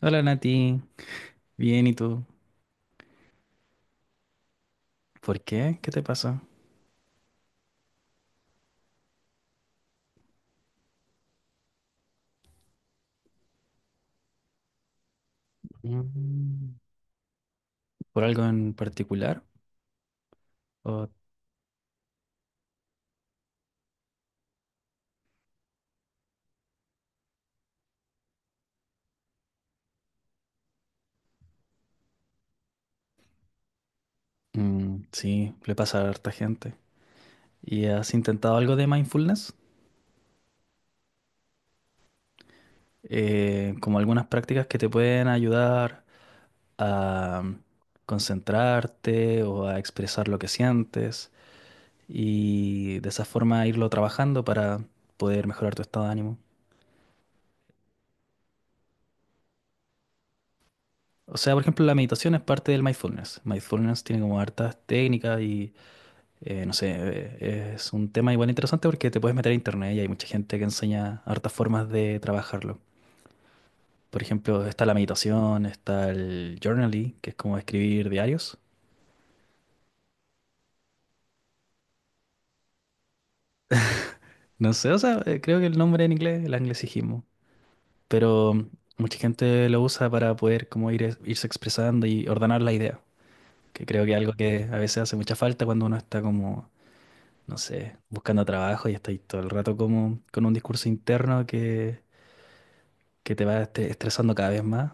Hola Nati, bien, ¿y tú? ¿Por qué? ¿Qué te pasó? Mm. ¿Por algo en particular? O, sí, le pasa a harta gente. ¿Y has intentado algo de mindfulness? Como algunas prácticas que te pueden ayudar a concentrarte o a expresar lo que sientes y de esa forma irlo trabajando para poder mejorar tu estado de ánimo. O sea, por ejemplo, la meditación es parte del mindfulness. Mindfulness tiene como hartas técnicas y no sé, es un tema igual interesante porque te puedes meter a internet y hay mucha gente que enseña hartas formas de trabajarlo. Por ejemplo, está la meditación, está el journaling, que es como escribir diarios. No sé, o sea, creo que el nombre en inglés, el anglicismo. Pero mucha gente lo usa para poder como ir, irse expresando y ordenar la idea, que creo que es algo que a veces hace mucha falta cuando uno está como, no sé, buscando trabajo y está ahí todo el rato como con un discurso interno que te va estresando cada vez más.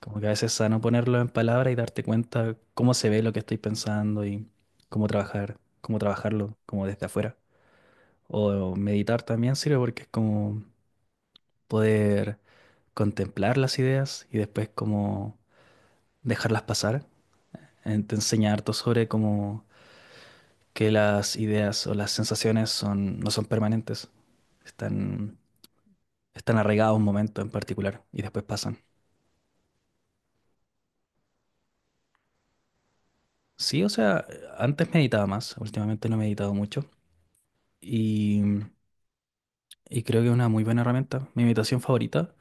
Como que a veces es sano ponerlo en palabras y darte cuenta cómo se ve lo que estoy pensando y cómo trabajar, cómo trabajarlo como desde afuera. O meditar también sirve porque es como poder contemplar las ideas y después como dejarlas pasar. Te enseña harto sobre cómo que las ideas o las sensaciones son, no son permanentes. Están, están arraigados a un momento en particular y después pasan. Sí, o sea, antes meditaba más, últimamente no he meditado mucho. Y Y creo que es una muy buena herramienta. Mi meditación favorita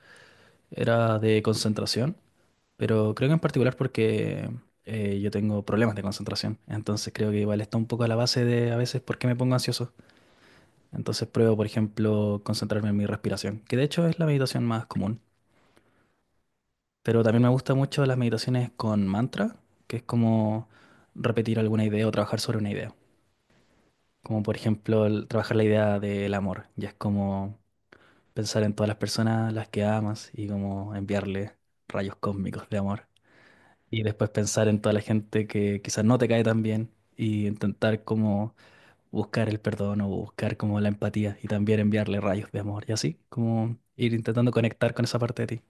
era de concentración, pero creo que en particular porque yo tengo problemas de concentración. Entonces creo que igual está un poco a la base de a veces por qué me pongo ansioso. Entonces pruebo, por ejemplo, concentrarme en mi respiración, que de hecho es la meditación más común. Pero también me gustan mucho las meditaciones con mantra, que es como repetir alguna idea o trabajar sobre una idea. Como por ejemplo trabajar la idea del amor. Ya es como pensar en todas las personas a las que amas y como enviarle rayos cósmicos de amor. Y después pensar en toda la gente que quizás no te cae tan bien y intentar como buscar el perdón o buscar como la empatía y también enviarle rayos de amor y así, como ir intentando conectar con esa parte de ti.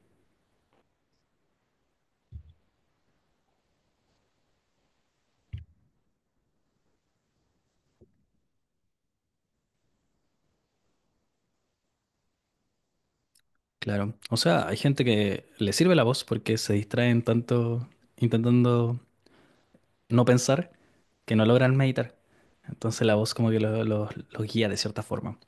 Claro. O sea, hay gente que le sirve la voz porque se distraen tanto intentando no pensar que no logran meditar. Entonces la voz como que los guía de cierta forma.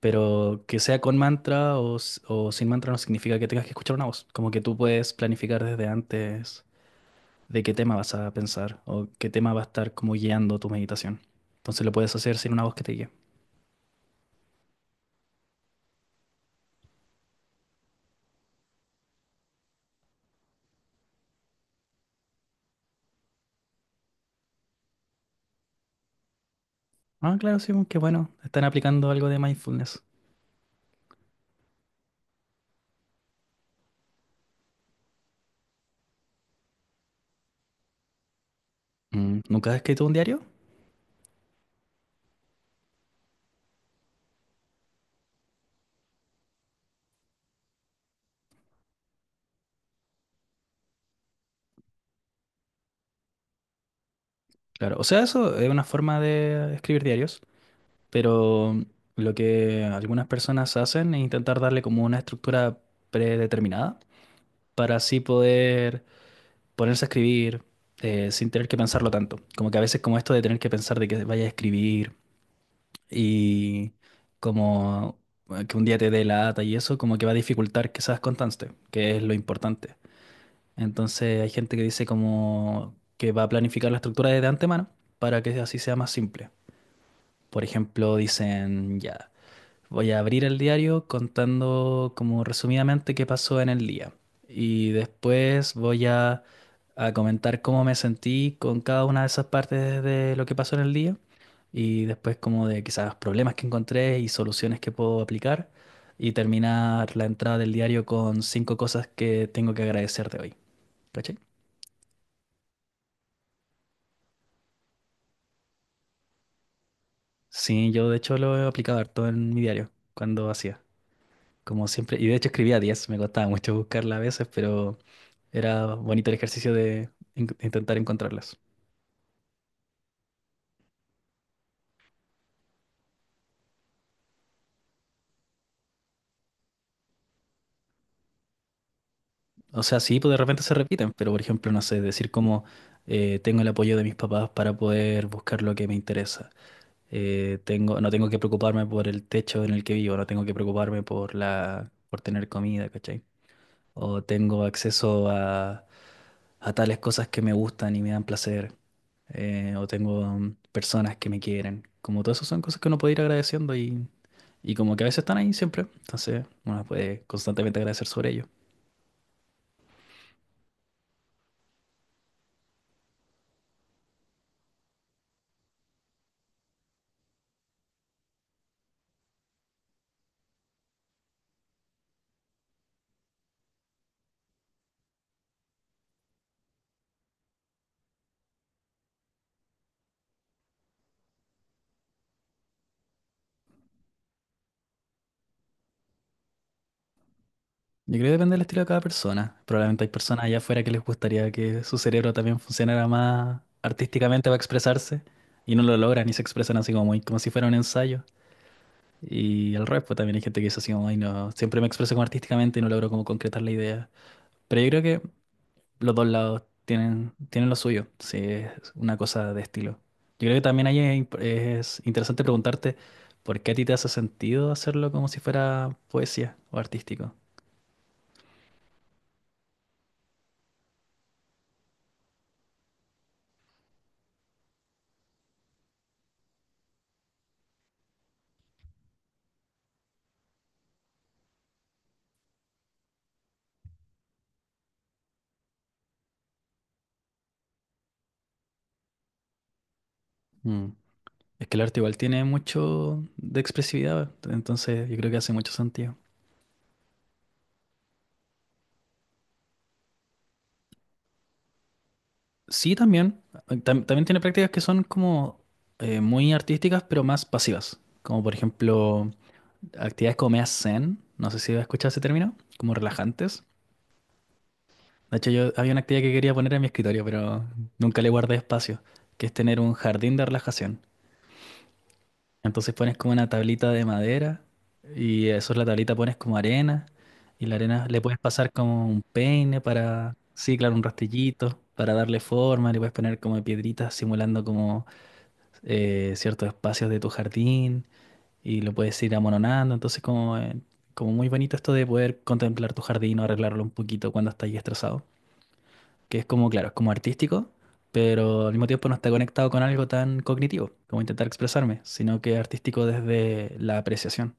Pero que sea con mantra o sin mantra no significa que tengas que escuchar una voz. Como que tú puedes planificar desde antes de qué tema vas a pensar o qué tema va a estar como guiando tu meditación. Entonces lo puedes hacer sin una voz que te guíe. Ah, claro, sí, qué bueno. Están aplicando algo de mindfulness. Mm, ¿nunca has escrito un diario? Claro, o sea, eso es una forma de escribir diarios, pero lo que algunas personas hacen es intentar darle como una estructura predeterminada para así poder ponerse a escribir sin tener que pensarlo tanto. Como que a veces como esto de tener que pensar de que vayas a escribir y como que un día te dé lata y eso como que va a dificultar que seas constante, que es lo importante. Entonces hay gente que dice como que va a planificar la estructura desde antemano para que así sea más simple. Por ejemplo, dicen ya. Voy a abrir el diario contando como resumidamente qué pasó en el día. Y después a comentar cómo me sentí con cada una de esas partes de lo que pasó en el día. Y después como de quizás problemas que encontré y soluciones que puedo aplicar. Y terminar la entrada del diario con cinco cosas que tengo que agradecer de hoy. ¿Cachai? Sí, yo de hecho lo he aplicado harto en mi diario cuando hacía. Como siempre. Y de hecho escribía 10 me costaba mucho buscarla a veces, pero... Era bonito el ejercicio de intentar encontrarlas. O sea, sí, pues de repente se repiten, pero por ejemplo, no sé, decir como tengo el apoyo de mis papás para poder buscar lo que me interesa. Tengo, no tengo que preocuparme por el techo en el que vivo, no tengo que preocuparme por la, por tener comida, ¿cachai? O tengo acceso a tales cosas que me gustan y me dan placer. O tengo personas que me quieren. Como todas esas son cosas que uno puede ir agradeciendo y como que a veces están ahí siempre, entonces uno puede constantemente agradecer sobre ello. Yo creo que depende del estilo de cada persona. Probablemente hay personas allá afuera que les gustaría que su cerebro también funcionara más artísticamente para expresarse y no lo logran y se expresan así como, muy, como si fuera un ensayo. Y al revés, pues también hay gente que dice así como, ay, no, siempre me expreso como artísticamente y no logro como concretar la idea. Pero yo creo que los dos lados tienen, tienen lo suyo, sí, es una cosa de estilo. Yo creo que también ahí es interesante preguntarte por qué a ti te hace sentido hacerlo como si fuera poesía o artístico. Mm. Es que el arte igual tiene mucho de expresividad, entonces yo creo que hace mucho sentido. Sí, también. También tiene prácticas que son como muy artísticas, pero más pasivas. Como por ejemplo, actividades como meas zen, no sé si has escuchado ese término, como relajantes. De hecho, yo había una actividad que quería poner en mi escritorio, pero nunca le guardé espacio, que es tener un jardín de relajación. Entonces pones como una tablita de madera y eso es la tablita pones como arena y la arena le puedes pasar como un peine para, sí, claro, un rastillito para darle forma, le puedes poner como piedritas simulando como ciertos espacios de tu jardín y lo puedes ir amononando. Entonces como, como muy bonito esto de poder contemplar tu jardín o arreglarlo un poquito cuando estás estresado, que es como, claro, es como artístico, pero al mismo tiempo no está conectado con algo tan cognitivo como intentar expresarme, sino que es artístico desde la apreciación.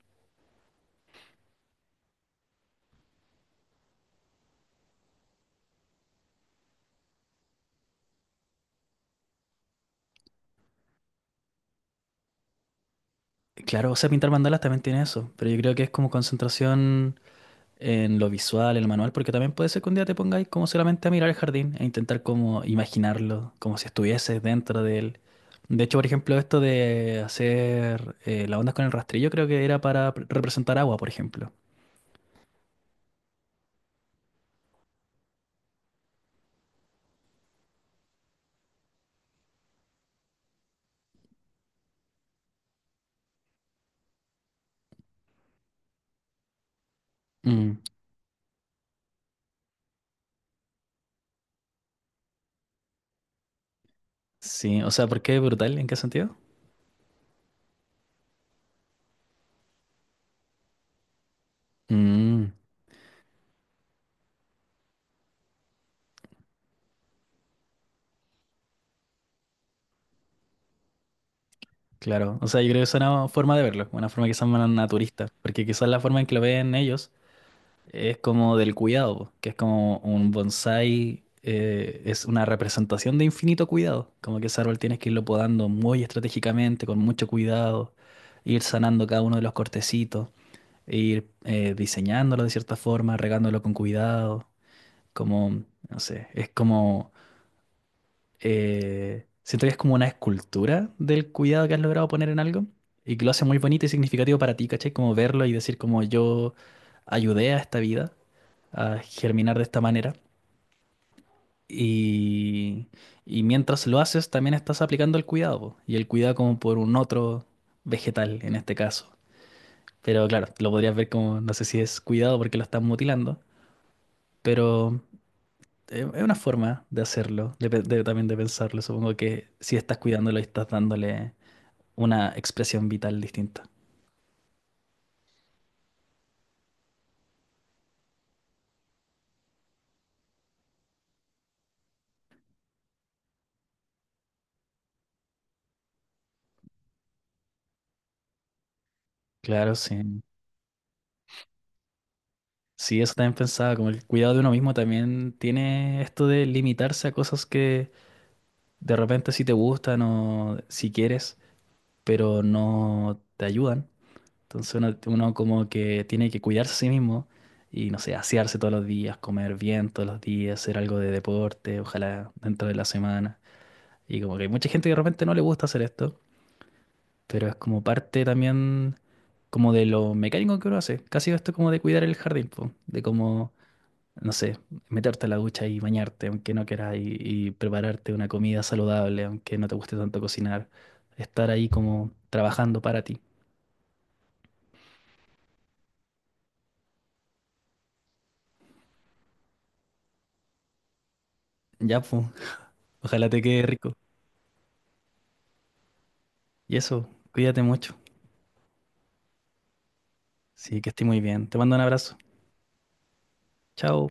Claro, o sea, pintar mandalas también tiene eso, pero yo creo que es como concentración en lo visual, en lo manual, porque también puede ser que un día te pongáis como solamente a mirar el jardín e intentar como imaginarlo, como si estuvieses dentro de él. De hecho, por ejemplo, esto de hacer las ondas con el rastrillo creo que era para representar agua, por ejemplo. Mm, sí, o sea, ¿por qué brutal? ¿En qué sentido? Mm, claro, o sea, yo creo que es una forma de verlo, una forma quizás más naturista, porque quizás la forma en que lo ven ellos es como del cuidado, po, que es como un bonsái, es una representación de infinito cuidado, como que ese árbol tienes que irlo podando muy estratégicamente, con mucho cuidado, ir sanando cada uno de los cortecitos, e ir diseñándolo de cierta forma, regándolo con cuidado, como, no sé, es como siento que es como una escultura del cuidado que has logrado poner en algo y que lo hace muy bonito y significativo para ti, ¿cachai? Como verlo y decir como yo ayudé a esta vida a germinar de esta manera. Y, y mientras lo haces, también estás aplicando el cuidado, po, y el cuidado como por un otro vegetal en este caso. Pero claro, lo podrías ver como, no sé si es cuidado porque lo están mutilando, pero es una forma de hacerlo, también de pensarlo. Supongo que si estás cuidándolo y estás dándole una expresión vital distinta. Claro, sí. Sí, eso también pensaba, como el cuidado de uno mismo también tiene esto de limitarse a cosas que de repente sí te gustan o si quieres, pero no te ayudan. Entonces uno como que tiene que cuidarse a sí mismo y, no sé, asearse todos los días, comer bien todos los días, hacer algo de deporte, ojalá dentro de la semana. Y como que hay mucha gente que de repente no le gusta hacer esto, pero es como parte también como de lo mecánico que uno hace. Casi esto como de cuidar el jardín, po, de como, no sé, meterte a la ducha y bañarte, aunque no quieras, y prepararte una comida saludable, aunque no te guste tanto cocinar. Estar ahí como trabajando para ti. Ya, pues, ojalá te quede rico. Y eso, cuídate mucho. Sí, que esté muy bien. Te mando un abrazo. Chao.